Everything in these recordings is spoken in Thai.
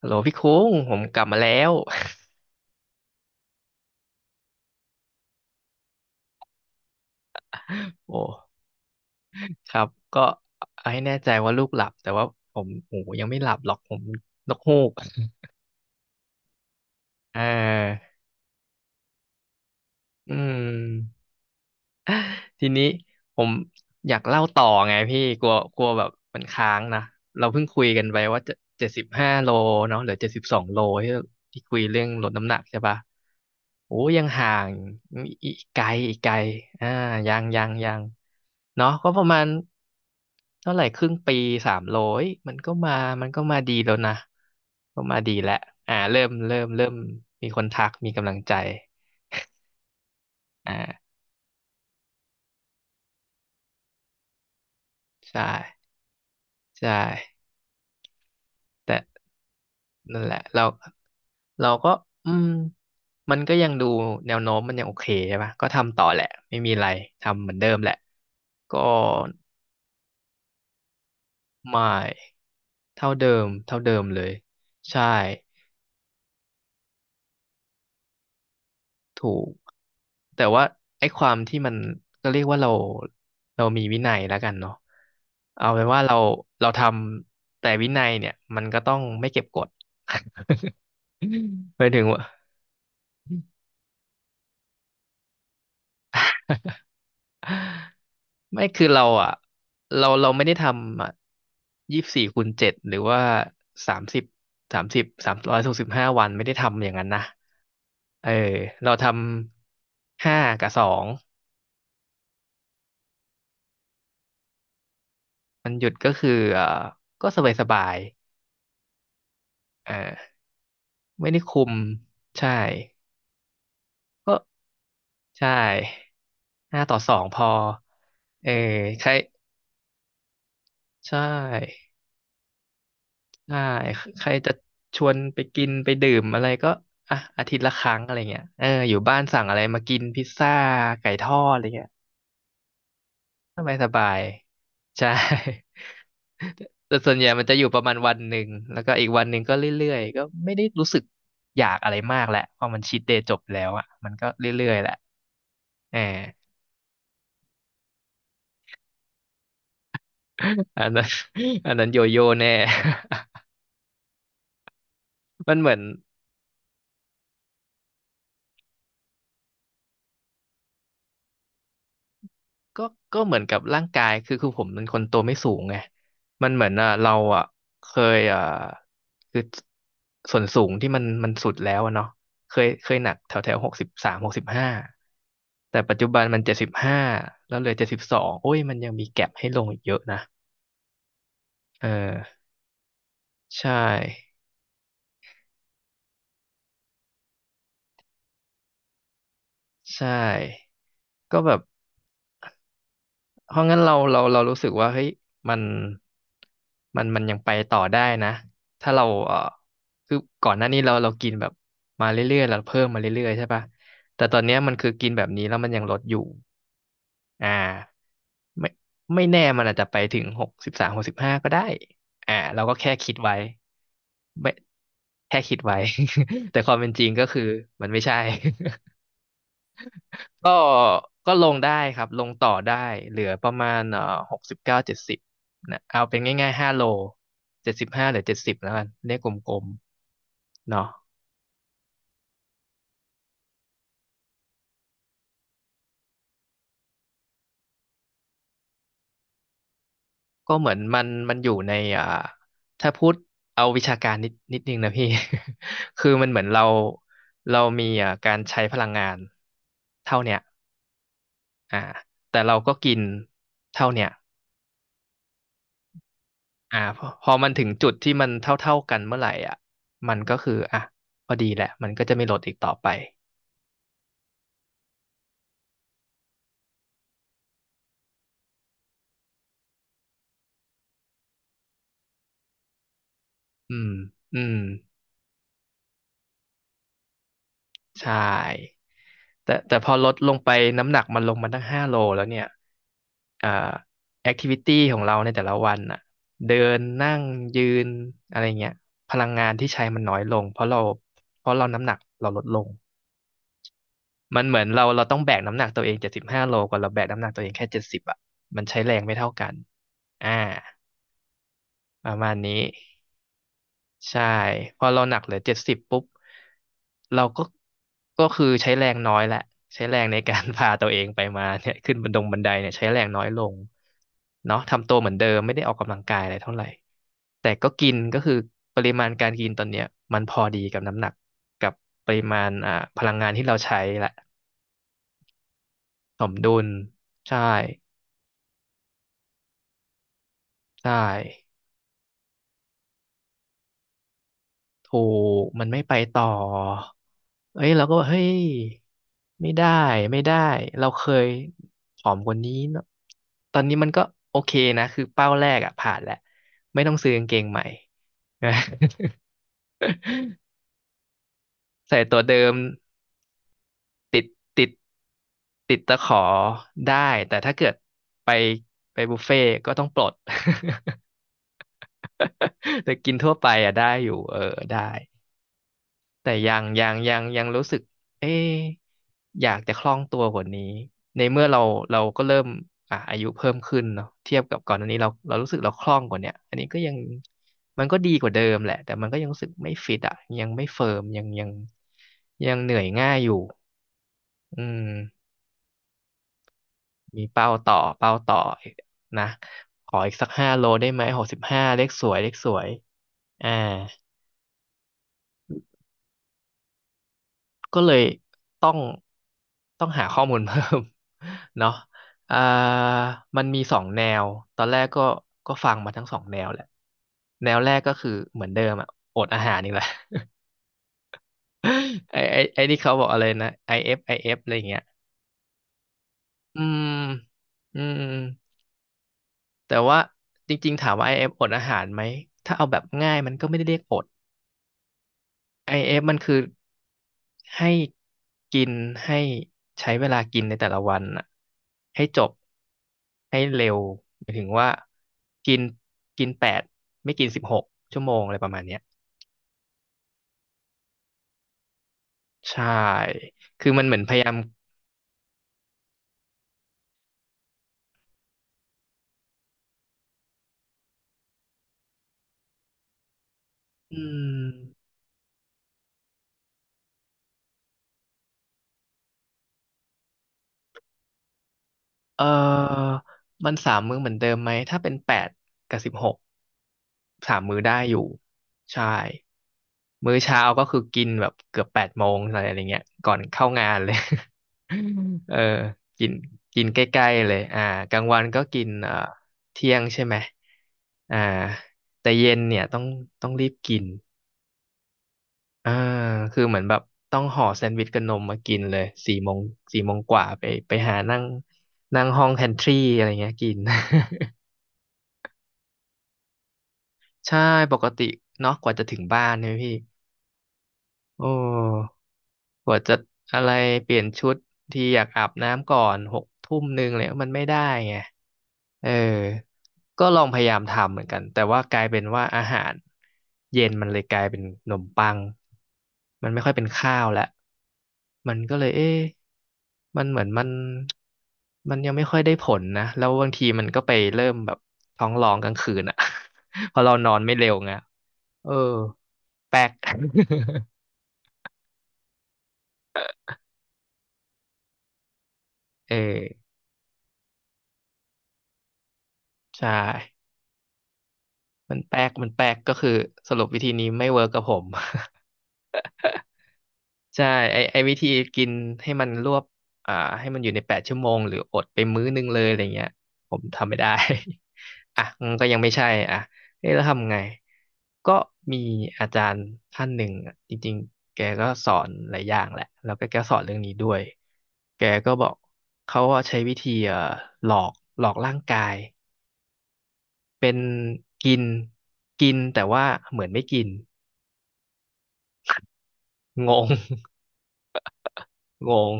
ฮัลโหลพี่คุ้งผมกลับมาแล้ว โอ้ครับก็เอาให้แน่ใจว่าลูกหลับแต่ว่าผมโอ้ยังไม่หลับหรอกผมนกฮูกอ่าอืม ทีนี้ผมอยากเล่าต่อไงพี่กลัวกลัวแบบมันค้างนะเราเพิ่งคุยกันไปว่าจะเจ็ดสิบห้าโลเนาะเหลือ72 โลที่ที่คุยเรื่องลดน้ำหนักใช่ปะโอ้ยังห่างอีกไกลอีกไกลอ่ายังยังยังเนาะก็ประมาณเท่าไหร่ครึ่งปีสามโลเอ้ยมันก็มามันก็มาดีแล้วนะก็มาดีแล้วอ่าเริ่มเริ่มเริ่มมีคนทักมีกำลังใจอ่าใช่ใช่แต่ นั่นแหละเราก็อืมมันก็ยังดูแนวโน้มมันยังโอเคใช่ปะก็ทำต่อแหละไม่มีอะไรทำเหมือนเดิมแหละก็ไม่เท่าเดิมเท่าเดิมเลยใช่ถูกแต่ว่าไอ้ความที่มันก็เรียกว่าเรามีวินัยแล้วกันเนาะเอาเป็นว่าเราทำแต่วินัยเนี่ยมันก็ต้องไม่เก็บกด หมายถึงว่า ไม่คือเราอ่ะเราไม่ได้ทำอ่ะ24คูณเจ็ดหรือว่าสามสิบ365 วันไม่ได้ทำอย่างนั้นนะเออเราทำ5 กับ 2มันหยุดก็คือก็สบายสบายอ่าไม่ได้คุมใช่ก็ใช่5 ต่อ 2พอเออใครใช่ ใช่ใครจะชวนไปกินไปดื่มอะไรก็อ่ะอาทิตย์ละครั้งอะไรเงี้ยเอออยู่บ้านสั่งอะไรมากินพิซซ่าไก่ทอดอะไรเงี้ยสบายสบายใช่ แต่ส่วนใหญ่มันจะอยู่ประมาณวันหนึ่งแล้วก็อีกวันหนึ่งก็เรื่อยๆก็ไม่ได้รู้สึกอยากอะไรมากแหละพอมันชีทเดย์จบแล้วอ่ะมันก็เรื่อยๆแหละเออ อันนั้น อันนั้นโยโย่แน่ มันเหมือน ก็ก็เหมือนกับร่างกายคือผมเป็นคนตัวไม่สูงไงมันเหมือนอ่ะเราอ่ะเคยอ่ะคือส่วนสูงที่มันสุดแล้วอะเนาะเคยหนักแถวแถวหกสิบสามหกสิบห้าแต่ปัจจุบันมันเจ็ดสิบห้าแล้วเหลือเจ็ดสิบสองโอ้ยมันยังมีแก็ปให้ลงอีกเยอะนะเออใช่ใช่ก็แบบ เพราะงั้นเรารู้สึกว่าเฮ้ยมันมันยังไปต่อได้นะถ้าเราเออคือก่อนหน้านี้เรากินแบบมาเรื่อยๆเราเพิ่มมาเรื่อยๆใช่ปะแต่ตอนเนี้ยมันคือกินแบบนี้แล้วมันยังลดอยู่อ่าไม่ไม่แน่มันอาจจะไปถึงหกสิบสามหกสิบห้าก็ได้อ่าเราก็แค่คิดไว้ไม่แค่คิดไว้ แต่ความเป็นจริงก็คือมันไม่ใช่ ก็ก็ลงได้ครับลงต่อได้เหลือประมาณ69-70นะเอาเป็นง่ายๆห้าโล75 หรือ 70แล้วกันเลขกลมๆเนาะก็เหมือนมันมันอยู่ในอ่าถ้าพูดเอาวิชาการนิดนิดนึงนะพี่ คือมันเหมือนเรามีอ่าการใช้พลังงานเท่าเนี้ยอ่าแต่เราก็กินเท่าเนี้ยอ่าพอมันถึงจุดที่มันเท่าๆกันเมื่อไหร่อ่ะมันก็คืออ่ะพอดีแหละมันก็จะไม่ลดอีกต่อไป อืม อืม ใช่ แต่พอลดลงไปน้ำหนักมันลงมาตั้งห้าโลแล้วเนี่ยอ่าแอคทิวิตี้ของเราในแต่ละวันอ่ะเดินนั่งยืนอะไรเงี้ย พลังงานที่ใช้มันน้อยลงเพราะเราน้ำหนักเราลดลง มันเหมือนเราต้องแบกน้ำหนักตัวเองเจ็ดสิบห้าโลกว่าเราแบกน้ำหนักตัวเองแค่เจ็ดสิบอ่ะมันใช้แรงไม่เท่ากัน อ่า ประมาณนี้ ใช่พอเราหนักเหลือเจ็ดสิบปุ๊บเราก็คือใช้แรงน้อยแหละใช้แรงในการ พาตัวเองไปมาเนี่ยขึ้นบันดงบันไดเนี่ยใช้แรงน้อยลงเนาะทำตัวเหมือนเดิมไม่ได้ออกกำลังกายอะไรเท่าไหร่แต่ก็กินก็คือปริมาณการกินตอนเนี้ยมันพอดีกับน้ำหนักกับปริมาณอ่าพลังงานที่เราใช้แหละสมดุลใช่ใช่ ถูกมันไม่ไปต่อเอ้ยเราก็บอกเฮ้ยไม่ได้ไม่ได้เราเคยผอมกว่านี้เนอะตอนนี้มันก็โอเคนะคือเป้าแรกอะผ่านแล้วไม่ต้องซื้อกางเกงใหม่นะ ใส่ตัวเดิมติดติดติดตะขอได้แต่ถ้าเกิดไปไปบุฟเฟ่ก็ต้องปลด แต่กินทั่วไปอะได้อยู่เออได้ แต่ยังรู้สึกเอ๊ะอยากจะคล่องตัวกว่านี้ในเมื่อเราเราก็เริ่มอายุเพิ่มขึ้นเนาะเทียบกับก่อนอันนี้เรารู้สึกเราคล่องกว่าเนี้ยอันนี้ก็ยังมันก็ดีกว่าเดิมแหละแต่มันก็ยังรู้สึกไม่ฟิตอ่ะยังไม่เฟิร์มยังยังเหนื่อยง่ายอยู่อืมมีเป้าต่อเป้าต่อนะขออีกสัก5 โลได้ไหม65เลขสวยเลขสวยอ่า ก็เลยต้องต้องหาข้อมูลเพิ่ม เนาะอ่ามันมีสองแนวตอนแรกก็ก็ฟังมาทั้งสองแนวแหละแนวแรกก็คือเหมือนเดิมอะอดอาหารนี่แหละ ไอ้ที่เขาบอกอะไรนะ IF IF อฟไอเอฟอะไรอย่างเงี้ยอืมอืม แต่ว่าจริงๆถามว่า IF อเอฟอดอาหารไหม ถ้าเอาแบบง่ายมันก็ไม่ได้เรียกอด ไอเอฟมันคือให้กินให้ใช้เวลากินในแต่ละวันน่ะให้จบให้เร็วหมายถึงว่ากินกินแปดไม่กินสิบหกชั่วโมงอะไรประมาณเนี้ยใช่คือมันเหมือนพยายามอืมเออมันสามมื้อเหมือนเดิมไหมถ้าเป็นแปดกับสิบหกสามมื้อได้อยู่ใช่มื้อเช้าก็คือกินแบบเกือบ8 โมงอะไรอย่างเงี้ยก่อนเข้างานเลย เออกินกินใกล้ๆ เลยอ่ากลางวันก็กินเที่ยงใช่ไหมอ่าแต่เย็นเนี่ยต้องรีบกินอ่าคือเหมือนแบบต้องห่อแซนด์วิชกับนมมากินเลยสี่โมงสี่โมงกว่าไปไปหานั่งนั่งห้องแพนทรีอะไรเงี้ยกิน ใช่ปกติเนาะกว่าจะถึงบ้านเนี่ยพี่โอ้ กว่าจะอะไรเปลี่ยนชุดทีอยากอาบน้ำก่อน6 ทุ่ม 1เลยมันไม่ได้ไงเออก็ลองพยายามทำเหมือนกันแต่ว่ากลายเป็นว่าอาหารเย็นมันเลยกลายเป็นขนมปังมันไม่ค่อยเป็นข้าวแล้วมันก็เลยเอ๊ะมันเหมือนมันยังไม่ค่อยได้ผลนะแล้วบางทีมันก็ไปเริ่มแบบท้องร้องกลางคืนอ่ะ พอเรานอนไม่เร็วไงเออแปลก เออใช่ มันแป๊กมันแป๊กก็คือสรุปวิธีนี้ไม่เวิร์กกับผม ใช่ไอวิธีกินให้มันรวบอ่าให้มันอยู่ใน8 ชั่วโมงหรืออดไปมื้อนึงเลยอะไรเงี้ยผมทำไม่ได้ อ่ะมันก็ยังไม่ใช่อ่ะเอ๊ะแล้วทำไงก็มีอาจารย์ท่านหนึ่งอ่ะจริงๆแกก็สอนหลายอย่างแหละแล้วก็แกสอนเรื่องนี้ด้วยแกก็บอกเขาว่าใช้วิธีหลอกหลอกร่างกายเป็นกินกินแต่ว่าเหมือนไม่กินงง งง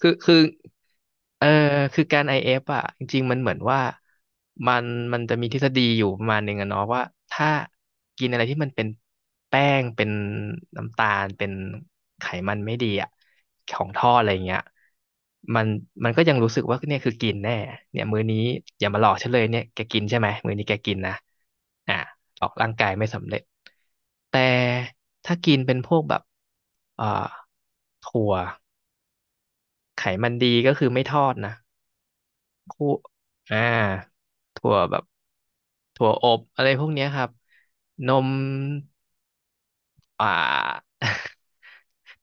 คือเออคือการ IF อเอฟอ่ะจริงๆมันเหมือนว่ามันมันจะมีทฤษฎีอยู่ประมาณหนึ่งอะเนาะว่าถ้ากินอะไรที่มันเป็นแป้งเป็นน้ำตาลเป็นไขมันไม่ดีอ่ะของทอดอะไรเงี้ยมันมันก็ยังรู้สึกว่าเนี่ยคือกินแน่เนี่ยมื้อนี้อย่ามาหลอกฉันเลยเนี่ยแกกินใช่ไหมมื้อนี้แกกินนะอ่ะหลอกร่างกายไม่สำเร็จแต่ถ้ากินเป็นพวกแบบเอ่าถั่ว ไขมันดีก็คือไม่ทอดนะคู่อ่าถั่วแบบถั่วอบอะไรพวกเนี้ยครับ นมอ่า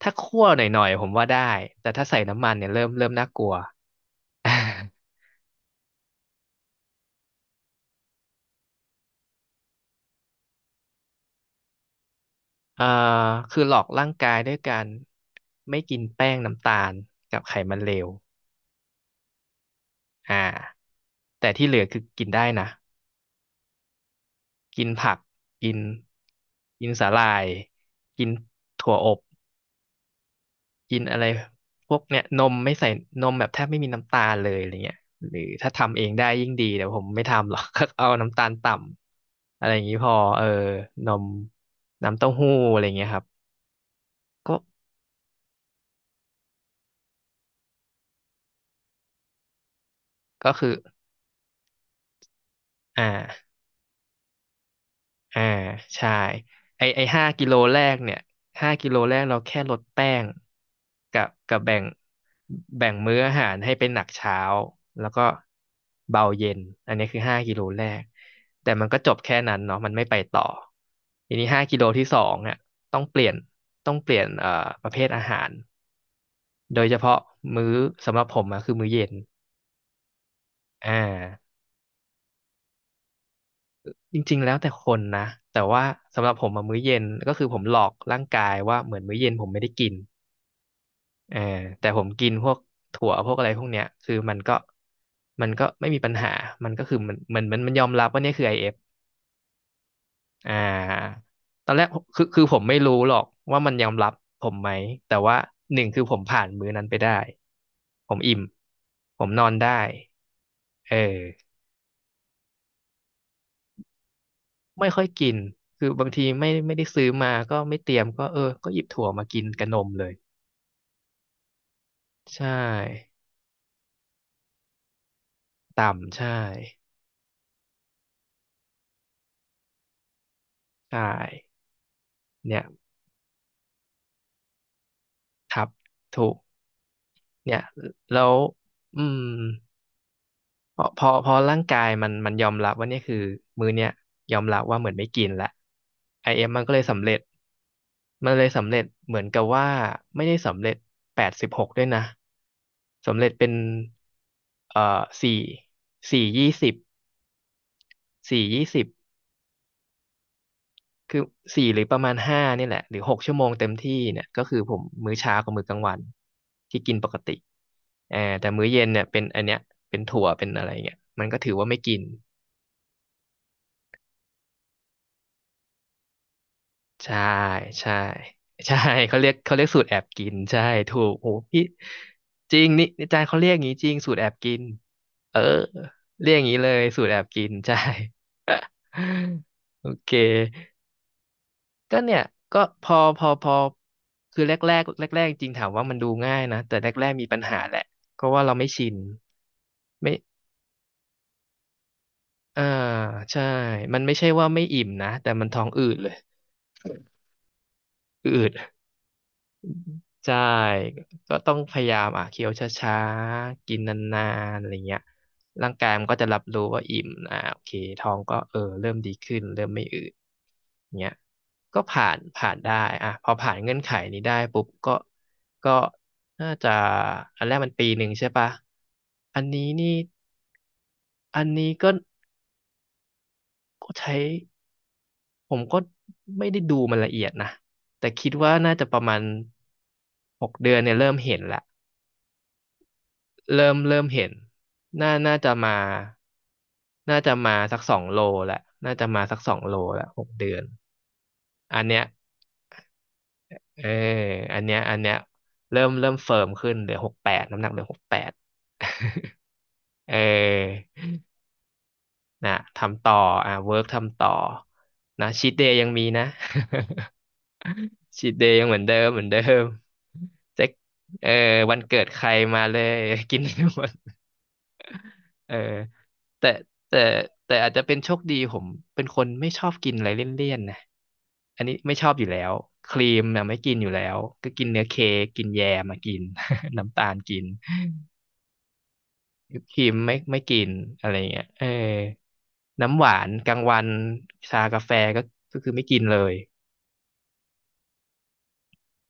ถ้าคั่วหน่อยๆผมว่าได้ แต่ถ้าใส่น้ำมันเนี่ยเริ่มน่ากลัว เอ่อคือหลอกร่างกายด้วยการไม่กินแป้งน้ำตาลกับไขมันเลวอ่าแต่ที่เหลือคือกินได้นะ กินผักกินกินสาหร่ายกินถั่วอบ กินอะไรพวกเนี่ยนมไม่ใส่นมแบบแทบไม่มีน้ำตาลเลยอะไรเงี้ยหรือถ้าทำเองได้ยิ่งดีแต่ผมไม่ทำหรอก เอาน้ำตาลต่ำอะไรอย่างนี้พอเออนมน้ำเต้าหู้อะไรเงี้ยครับก็ก็คืออ่า อ่าใช่ไอห้ากิโลแรกเนี่ยห้ากิโลแรกเราแค่ลดแป้งกับแบ่งแบ่งมื้ออาหารให้เป็นหนักเช้าแล้วก็เบาเย็นอันนี้คือห้ากิโลแรกแต่มันก็จบแค่นั้นเนาะมันไม่ไปต่อทีนี้ห้ากิโลที่สองอ่ะต้องเปลี่ยนต้องเปลี่ยนประเภทอาหารโดยเฉพาะมื้อสำหรับผมอะคือมื้อเย็นอ่า จริงๆแล้วแต่คนนะ แต่ว่าสำหรับผมอะมื้อเย็นก็คือผมหลอกร่างกายว่าเหมือนมื้อเย็นผมไม่ได้กินเออแต่ผมกินพวกถั่วพวกอะไรพวกเนี้ยคือมันก็มันก็ไม่มีปัญหา มันก็คือมันยอมรับว่าเนี่ยคือไอ f อฟอ่าตอนแรกคือผมไม่รู้หรอกว่ามันยอมรับผมไหม แต่ว่าหนึ่งคือผมผ่านมื้อนั้นไปได้ ผมอิ่มผมนอนได้เออ ไม่ค่อยกิน คือบางทีไม่ได้ซื้อมาก็ไม่เตรียมก็เออก็หยิบถั่วมากินกับนมเลยใช่ต่ำใช่ใช่เนี่ยครับถูกเนี่ยแล้วอืมพอร่างกายมันยอมรับว่าเนี่ยคือมื้อเนี้ยยอมรับว่าเหมือนไม่กินละไอเอ็มมันก็เลยสำเร็จมันเลยสำเร็จเหมือนกับว่าไม่ได้สำเร็จแปดสิบหกด้วยนะ สำเร็จเป็นเอ่อสี่สี่ยี่สิบ สี่ยี่สิบคือสี่หรือประมาณห้าเนี่ยแหละหรือหกชั่วโมงเต็มที่เนี่ยก็คือผมมื้อเช้ากับมื้อกลางวันที่กินปกติเออแต่มื้อเย็นเนี่ยเป็นอันเนี้ยเป็นถั่วเป็นอะไรเงี้ยมันก็ถือว่าไม่กินใช่ใช่ใช่ เขาเรียกสูตรแอบกินใช่ถูกโอ้พี่จริงนี่อาจารย์เขาเรียกอย่างนี้จริงสูตรแอบกินเออเรียกอย่างนี้เลยสูตรแอบกินใช่ โอเค ก็เนี่ยก็พอคือแรกๆจริงถามว่ามันดูง่ายนะแต่แรกมีปัญหาแหละเพราะว่าเราไม่ชินไม่อ่าใช่มันไม่ใช่ว่าไม่อิ่มนะแต่มันท้องอืดเลยอืด ใช่ก็ต้องพยายามอ่ะเคี้ยวช้าๆกินนานๆอะไรเงี้ยร่างกายมันก็จะรับรู้ว่าอิ่มอ่ะโอเคท้องก็เออเริ่มดีขึ้นเริ่มไม่อืดเงี้ยก็ผ่านได้อ่ะพอผ่านเงื่อนไขนี้ได้ปุ๊บก็ก็น่าจะอันแรกมันปีหนึ่งใช่ปะอันนี้นี่อันนี้ก็ก็ใช้ผมก็ไม่ได้ดูมันละเอียดนะแต่คิดว่าน่าจะประมาณหกเดือนเนี่ยเริ่มเห็นละ เริ่มเห็น น่าจะมาน่าจะมาสักสองโลแหละน่าจะมาสักสองโลแหละหกเดือน อันเนี้ยเอออันเนี้ยอันเนี้ยเริ่มเฟิร์มขึ้นเหลือหกแปดน้ำหนักเหลือหกแปด เออนะทำต่ออ่ะเวิร์กทำต่อนะชีทเดย์ยังมีนะ ชีทเดย์ยังเหมือนเดิมเหมือนเดิมเจ๊กเออวันเกิดใครมาเลย กินให้หมดเออ แต่แต่แต่อาจจะเป็นโชคดีผมเป็นคนไม่ชอบกินอะไรเลี่ยนๆนะอันนี้ไม่ชอบอยู่แล้วครีมน่ะไม่กินอยู่แล้วก็กินเนื้อเค้กกินแยมมากิน น้ำตาลกินครีมไม่กินอะไรเงี้ยเออน้ำหวานกลางวันชากาแฟก็ก็คือไม่กินเลย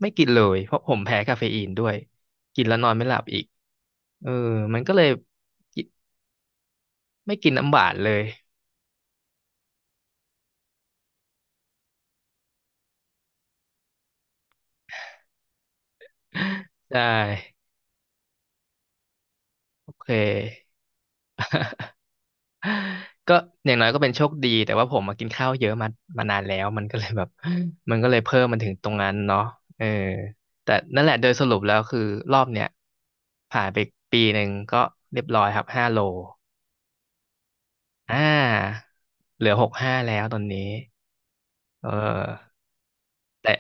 ไม่กินเลยเพราะผมแพ้คาเฟอีนด้วยกินแล้วนอนไม่หลับอีกเออมันก็เลยกิไม่กินน้ำหวานเลย ได้โอเค ก็อย่างน้อยก็เป็นโชคดีแต่ว่าผมมากินข้าวเยอะมามานานแล้วมันก็เลยแบบมันก็เลยเพิ่มมันถึงตรงนั้นเนาะเออแต่นั่นแหละโดยสรุปแล้วคือรอบเนี้ยผ่านไปปีหนึ่งก็เรียบร้อยครับห้าโลอ่าเหลือหกห้าแล้วตอนนี้เออแต่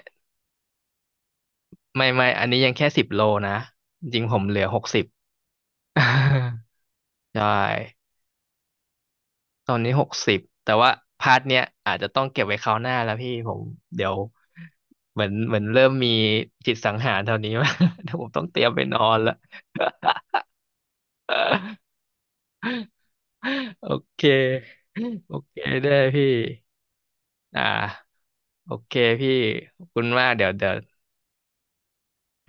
ไม่อันนี้ยังแค่สิบโลนะจริงๆผมเหลือหกสิบ ใช่ ตอนนี้หกสิบแต่ว่าพาร์ทเนี้ยอาจจะต้องเก็บไว้คราวหน้าแล้วพี่ผมเดี๋ยวเหมือนเริ่มมีจิตสังหารเท่านี้มา เดี๋ยวผมต้องเตรียมไปนอนละ โอเคโอเคได้พี่อ่าโอเคพี่ขอบคุณมากเดี๋ยว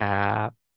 ครับ